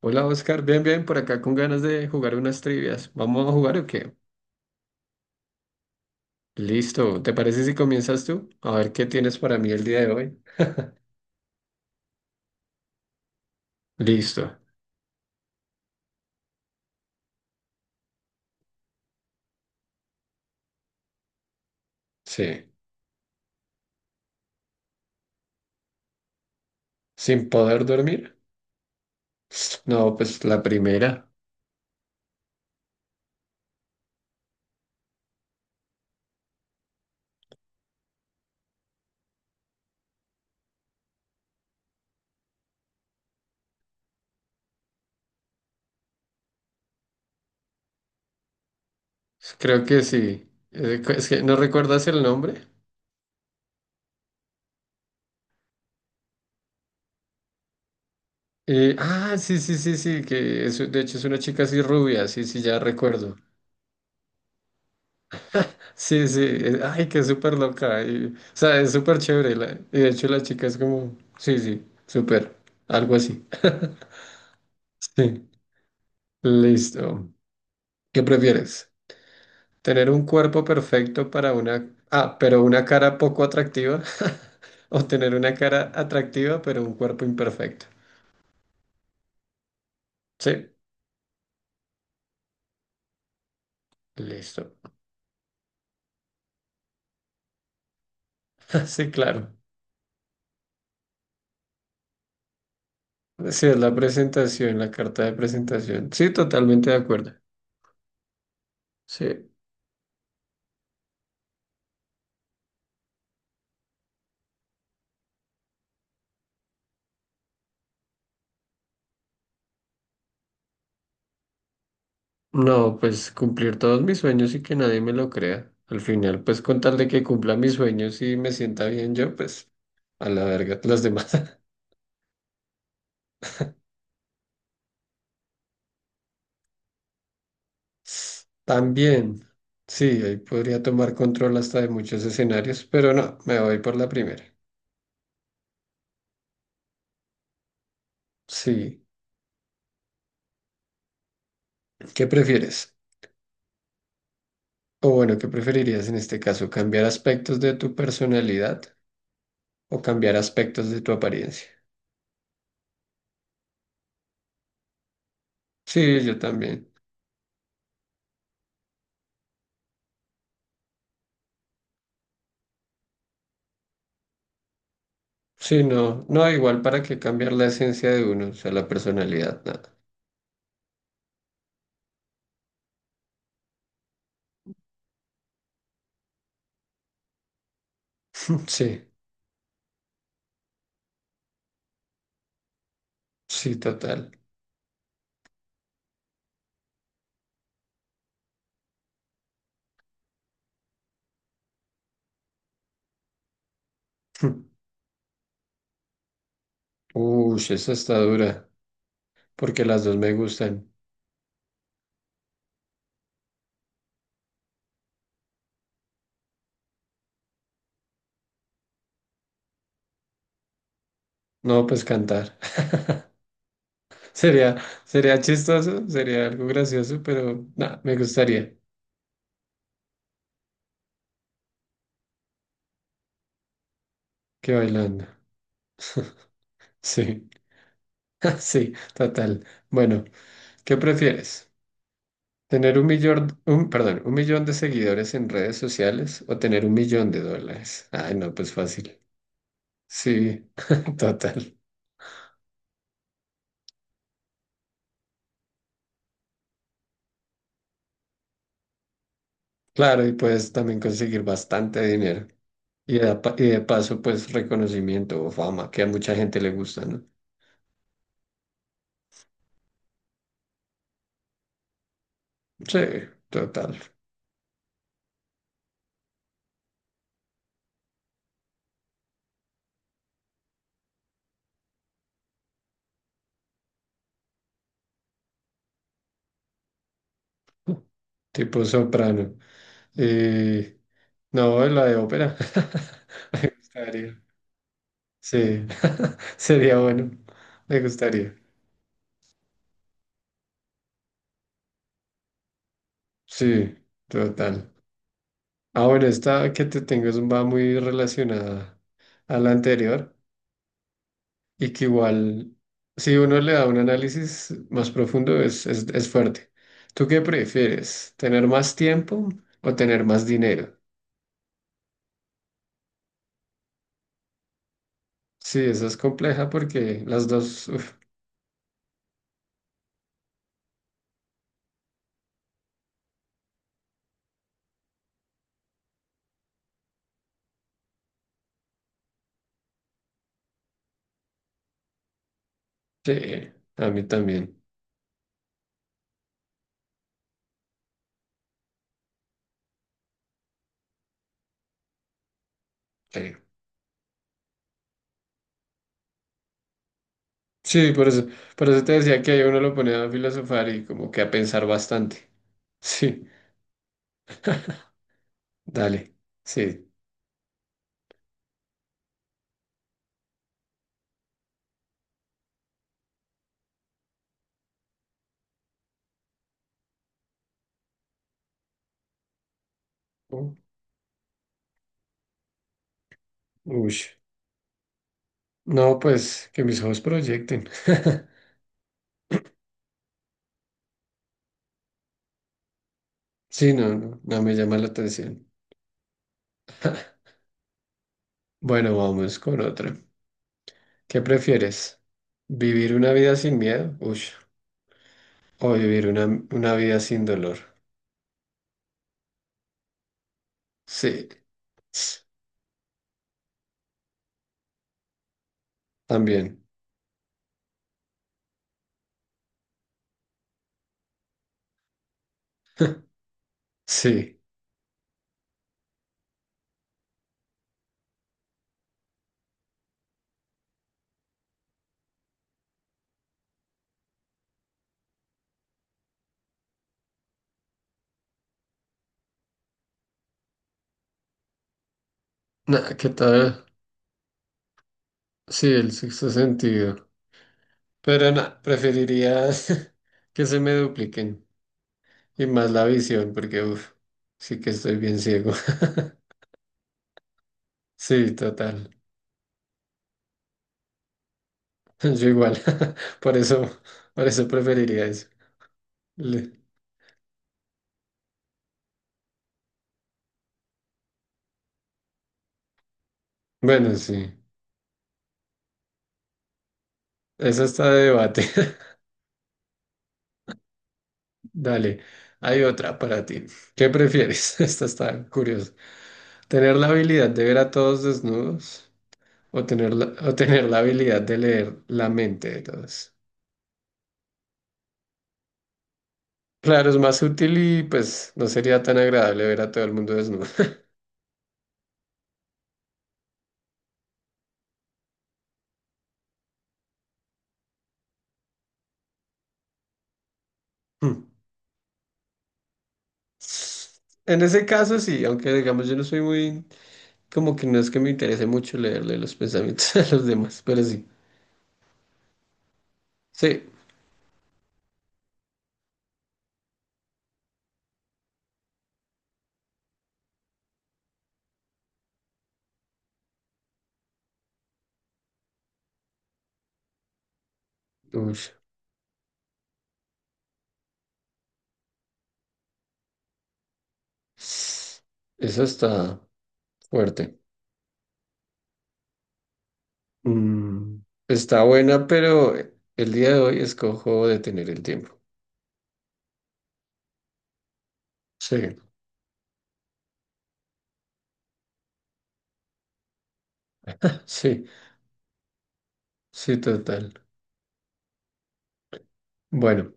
Hola Oscar, bien, bien, por acá con ganas de jugar unas trivias. ¿Vamos a jugar o qué? Listo, ¿te parece si comienzas tú? A ver qué tienes para mí el día de hoy. Listo, sí. ¿Sin poder dormir? No, pues la primera. Creo que sí. Es que no recuerdas el nombre. Sí, sí, sí, sí, que es, de hecho es una chica así rubia, sí, sí, ya recuerdo. Sí, sí, ay, que es súper loca. O sea, es súper chévere. Y de hecho la chica es como, sí, sí, súper, algo así. Sí, listo. ¿Qué prefieres? ¿Tener un cuerpo perfecto para una... Ah, pero una cara poco atractiva? ¿O tener una cara atractiva pero un cuerpo imperfecto? Sí, listo. Sí, claro. Sí, es la presentación, la carta de presentación. Sí, totalmente de acuerdo. Sí. No, pues cumplir todos mis sueños y que nadie me lo crea. Al final, pues con tal de que cumpla mis sueños y me sienta bien yo, pues a la verga, las demás. También, sí, ahí podría tomar control hasta de muchos escenarios, pero no, me voy por la primera. Sí, ¿qué prefieres? O bueno, ¿qué preferirías en este caso? ¿Cambiar aspectos de tu personalidad o cambiar aspectos de tu apariencia? Sí, yo también. Sí, no, no, igual para que cambiar la esencia de uno, o sea, la personalidad, nada. Sí, sí, total. Uy, esa está dura, porque las dos me gustan. No, pues cantar. Sería, sería chistoso, sería algo gracioso, pero nada, me gustaría que bailando. Sí, sí, total. Bueno, ¿qué prefieres? ¿Tener un millón, un, perdón, un millón de seguidores en redes sociales o tener un millón de dólares? Ay, no, pues fácil. Sí, total. Claro, y puedes también conseguir bastante dinero. Y de, y de paso, pues reconocimiento o fama, que a mucha gente le gusta, ¿no? Sí, total. Tipo soprano. Y no, la de ópera. Me gustaría. Sí, sería bueno. Me gustaría. Sí, total. Ah, bueno, esta que te tengo es, va muy relacionada a la anterior y que igual, si uno le da un análisis más profundo, es fuerte. ¿Tú qué prefieres? ¿Tener más tiempo o tener más dinero? Sí, esa es compleja porque las dos, uf, sí, a mí también. Sí. Sí, por eso te decía que ahí uno lo pone a filosofar y como que a pensar bastante. Sí, dale. Sí. U- Ush. No, pues que mis ojos proyecten. Sí, no, no, no me llama la atención. Bueno, vamos con otra. ¿Qué prefieres? ¿Vivir una vida sin miedo? Ush. O vivir una vida sin dolor. Sí. También. Sí. Nah, ¿qué tal? Sí, el sexto sentido. Pero nada, preferiría que se me dupliquen y más la visión, porque uff, sí que estoy bien ciego. Sí, total. Yo igual. Por eso, por eso preferiría eso. Le- Bueno, sí. Eso está de debate. Dale, hay otra para ti. ¿Qué prefieres? Esta está curiosa. ¿Tener la habilidad de ver a todos desnudos o tener la habilidad de leer la mente de todos? Claro, es más útil y pues no sería tan agradable ver a todo el mundo desnudo. Hmm. En ese caso sí, aunque digamos yo no soy muy, como que no es que me interese mucho leerle los pensamientos a los demás, pero sí. Sí. Uy, eso está fuerte. Mm, está buena, pero el día de hoy escojo detener el tiempo. Sí, sí, sí, total. Bueno.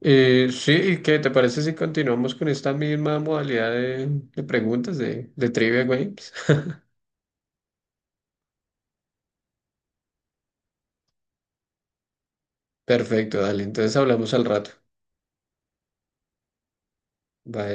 Sí, ¿qué te parece si continuamos con esta misma modalidad de preguntas de trivia games? Perfecto, dale, entonces hablamos al rato. Bye.